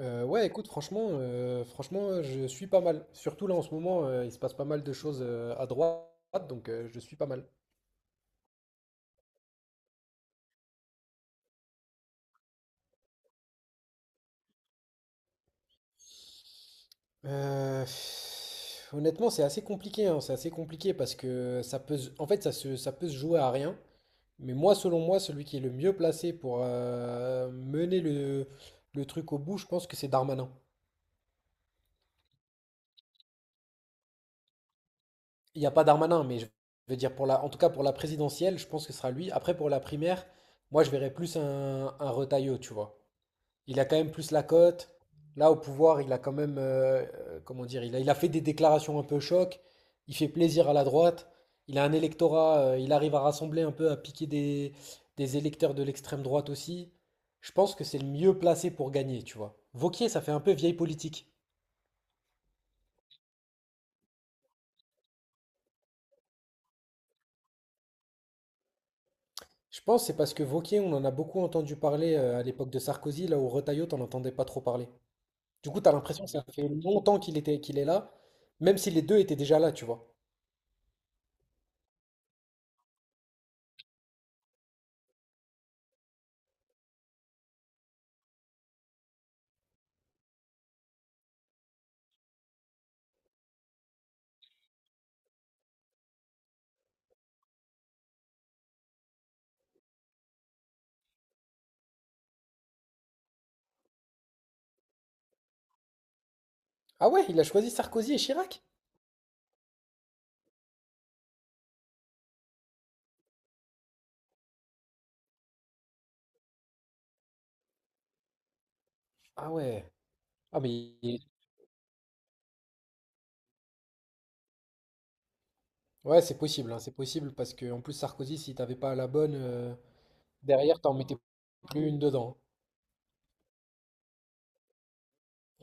Ouais, écoute, franchement, franchement, je suis pas mal. Surtout là en ce moment, il se passe pas mal de choses à droite, donc je suis pas mal. Honnêtement, c'est assez compliqué, hein, c'est assez compliqué parce que en fait, ça peut se jouer à rien. Mais moi, selon moi, celui qui est le mieux placé pour mener le truc au bout, je pense que c'est Darmanin. Il n'y a pas Darmanin, mais je veux dire, pour en tout cas pour la présidentielle, je pense que ce sera lui. Après, pour la primaire, moi, je verrais plus un Retailleau, tu vois. Il a quand même plus la cote. Là, au pouvoir, il a quand même, comment dire, il a fait des déclarations un peu choc. Il fait plaisir à la droite. Il a un électorat, il arrive à rassembler un peu, à piquer des électeurs de l'extrême droite aussi. Je pense que c'est le mieux placé pour gagner, tu vois. Wauquiez, ça fait un peu vieille politique. Je pense que c'est parce que Wauquiez, on en a beaucoup entendu parler à l'époque de Sarkozy, là où Retailleau, t'en entendais pas trop parler. Du coup, t'as l'impression que ça fait longtemps qu'il est là, même si les deux étaient déjà là, tu vois. Ah ouais, il a choisi Sarkozy et Chirac? Ah ouais. Ah mais il- ouais, c'est possible, hein, c'est possible parce que en plus Sarkozy, si t'avais pas la bonne derrière, t'en mettais plus une dedans,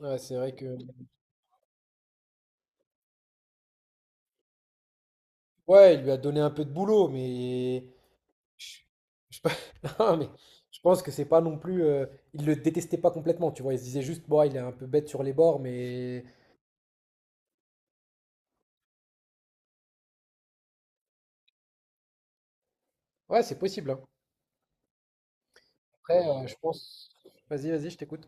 hein. Ouais, c'est vrai que ouais, il lui a donné un peu de boulot, mais Je, je pe- non, mais je pense que c'est pas non plus. Il le détestait pas complètement, tu vois. Il se disait juste, bon, ah, il est un peu bête sur les bords, mais. Ouais, c'est possible, hein. Après, je pense. Vas-y, vas-y, je t'écoute.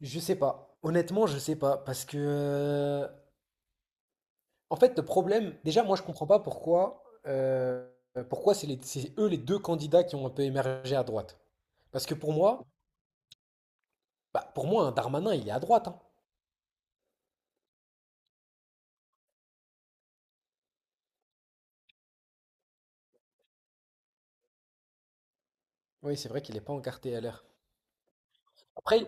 Je sais pas. Honnêtement, je sais pas. Parce que. En fait, le problème. Déjà, moi, je comprends pas pourquoi. Pourquoi c'est eux les deux candidats qui ont un peu émergé à droite. Parce que pour moi, bah, pour moi, un Darmanin, il est à droite, hein. Oui, c'est vrai qu'il n'est pas encarté à l'air. Après,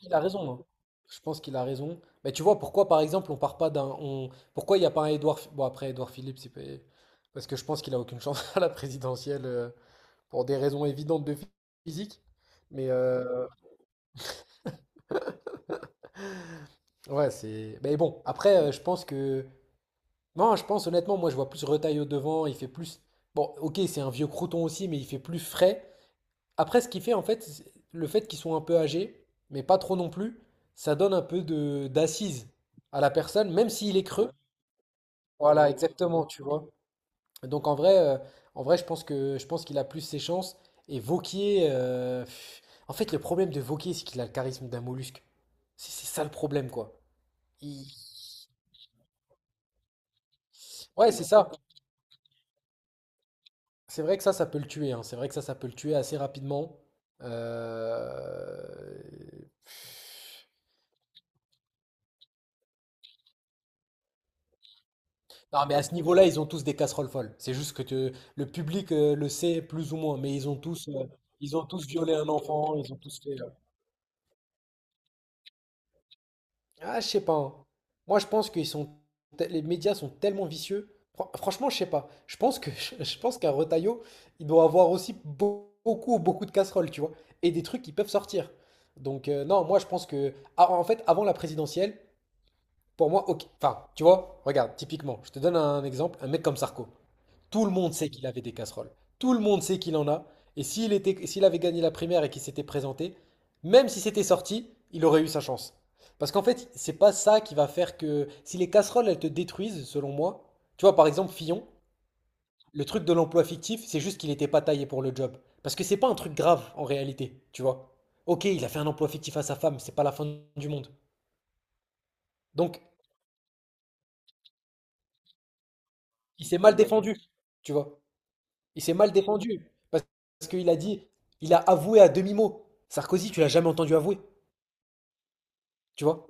il a raison, hein. Je pense qu'il a raison. Mais tu vois, pourquoi, par exemple, on part pas d'un. Pourquoi il n'y a pas un Édouard. Bon, après, Édouard Philippe, c'est pas... parce que je pense qu'il a aucune chance à la présidentielle pour des raisons évidentes de physique. Mais ouais, c'est. Mais bon, après, je pense que. Non, je pense honnêtement, moi, je vois plus Retailleau devant. Il fait plus. Bon, ok, c'est un vieux crouton aussi, mais il fait plus frais. Après, ce qui fait en fait, le fait qu'ils soient un peu âgés, mais pas trop non plus, ça donne un peu de d'assise à la personne, même s'il est creux. Voilà, exactement, tu vois. Donc en vrai, je pense qu'il a plus ses chances. Et Vauquier, en fait, le problème de Vauquier, c'est qu'il a le charisme d'un mollusque. C'est ça le problème, quoi. Il- Ouais, c'est ça. C'est vrai que ça peut le tuer, hein. C'est vrai que ça peut le tuer assez rapidement. Euh, Non, mais à ce niveau-là, ils ont tous des casseroles folles. C'est juste que le public le sait plus ou moins, mais ils ont tous violé un enfant, ils ont tous fait. Ah, je sais pas, hein. Moi, je pense qu'ils sont, les médias sont tellement vicieux. Franchement, je sais pas. Je pense que, je pense qu'un Retailleau, il doit avoir aussi beaucoup, beaucoup de casseroles, tu vois, et des trucs qui peuvent sortir. Donc non, moi, je pense que, ah, en fait, avant la présidentielle, pour moi, ok. Enfin, tu vois, regarde, typiquement, je te donne un exemple, un mec comme Sarko. Tout le monde sait qu'il avait des casseroles. Tout le monde sait qu'il en a. Et s'il avait gagné la primaire et qu'il s'était présenté, même si c'était sorti, il aurait eu sa chance. Parce qu'en fait, c'est pas ça qui va faire que si les casseroles elles te détruisent, selon moi. Tu vois, par exemple, Fillon, le truc de l'emploi fictif, c'est juste qu'il n'était pas taillé pour le job. Parce que c'est pas un truc grave en réalité, tu vois. Ok, il a fait un emploi fictif à sa femme, c'est pas la fin du monde. Donc, il s'est mal défendu, tu vois. Il s'est mal défendu parce parce qu'il a dit, il a avoué à demi-mot. Sarkozy, tu l'as jamais entendu avouer, tu vois?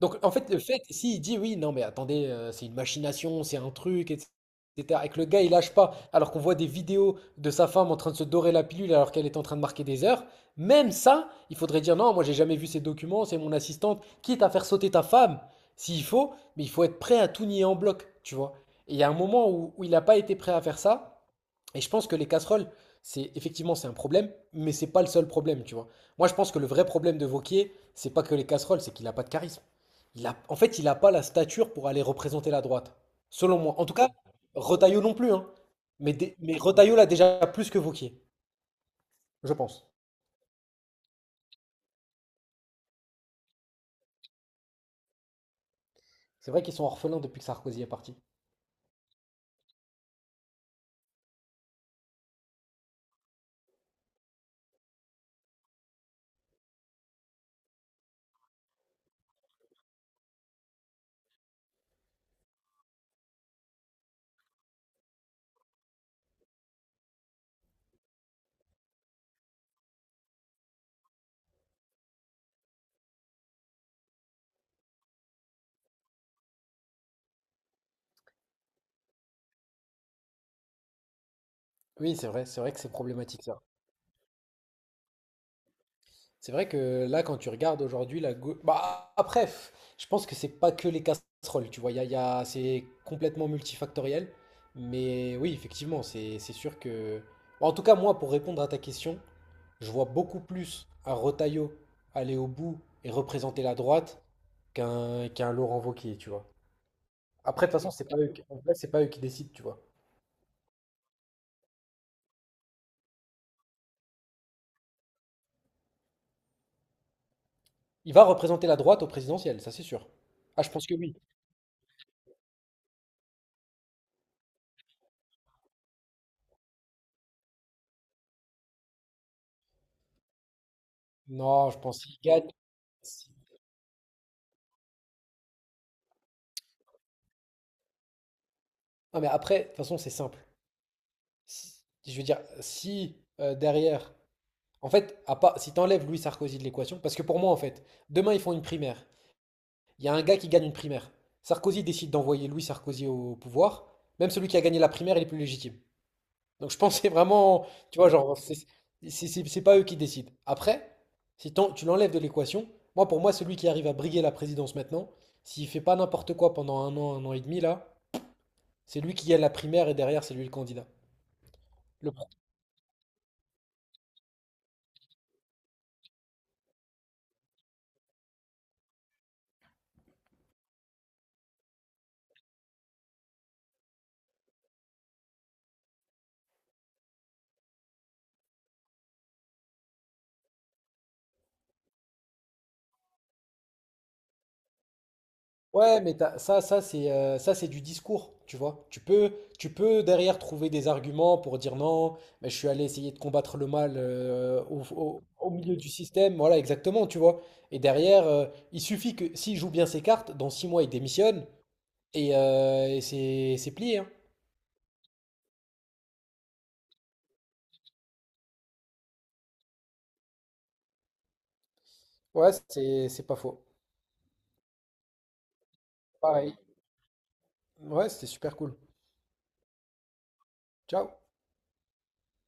Donc, en fait, le fait, s'il dit oui, non, mais attendez, c'est une machination, c'est un truc, etc., et que le gars, il lâche pas, alors qu'on voit des vidéos de sa femme en train de se dorer la pilule alors qu'elle est en train de marquer des heures, même ça, il faudrait dire non, moi, j'ai jamais vu ces documents, c'est mon assistante, quitte à faire sauter ta femme, s'il faut, mais il faut être prêt à tout nier en bloc, tu vois. Et il y a un moment où il n'a pas été prêt à faire ça, et je pense que les casseroles, c'est un problème, mais c'est pas le seul problème, tu vois. Moi, je pense que le vrai problème de Wauquiez, c'est pas que les casseroles, c'est qu'il a pas de charisme. En fait, il n'a pas la stature pour aller représenter la droite, selon moi. En tout cas, Retailleau non plus, hein. Mais, Retailleau l'a déjà plus que Wauquiez, je pense. C'est vrai qu'ils sont orphelins depuis que Sarkozy est parti. Oui, c'est vrai que c'est problématique ça. C'est vrai que là, quand tu regardes aujourd'hui Bah, après, pff, je pense que c'est pas que les casseroles, tu vois. C'est complètement multifactoriel. Mais oui, effectivement, c'est sûr que. En tout cas, moi, pour répondre à ta question, je vois beaucoup plus un Retailleau aller au bout et représenter la droite qu'un Laurent Wauquiez, tu vois. Après, de toute façon, c'est pas eux qui... en vrai, c'est pas eux qui décident, tu vois. Il va représenter la droite au présidentiel, ça c'est sûr. Ah, je pense que oui. Non, je pense qu'il gagne. Ah, mais après, de toute façon, c'est simple. Je veux dire, si derrière, en fait, à pas, si t'enlèves Louis Sarkozy de l'équation, parce que pour moi, en fait, demain ils font une primaire, il y a un gars qui gagne une primaire, Sarkozy décide d'envoyer Louis Sarkozy au pouvoir, même celui qui a gagné la primaire, il est plus légitime. Donc je pense que c'est vraiment, tu vois, genre, c'est pas eux qui décident. Après, si tu l'enlèves de l'équation, moi, pour moi, celui qui arrive à briguer la présidence maintenant, s'il fait pas n'importe quoi pendant un an et demi, là, c'est lui qui gagne la primaire et derrière, c'est lui le candidat. Le ouais, mais ça, ça c'est du discours, tu vois. Tu peux derrière trouver des arguments pour dire non, mais je suis allé essayer de combattre le mal au milieu du système, voilà, exactement, tu vois. Et derrière, il suffit que s'il joue bien ses cartes, dans six mois, il démissionne et c'est plié, hein. Ouais, c'est pas faux. Pareil. Ouais, c'était super cool. Ciao.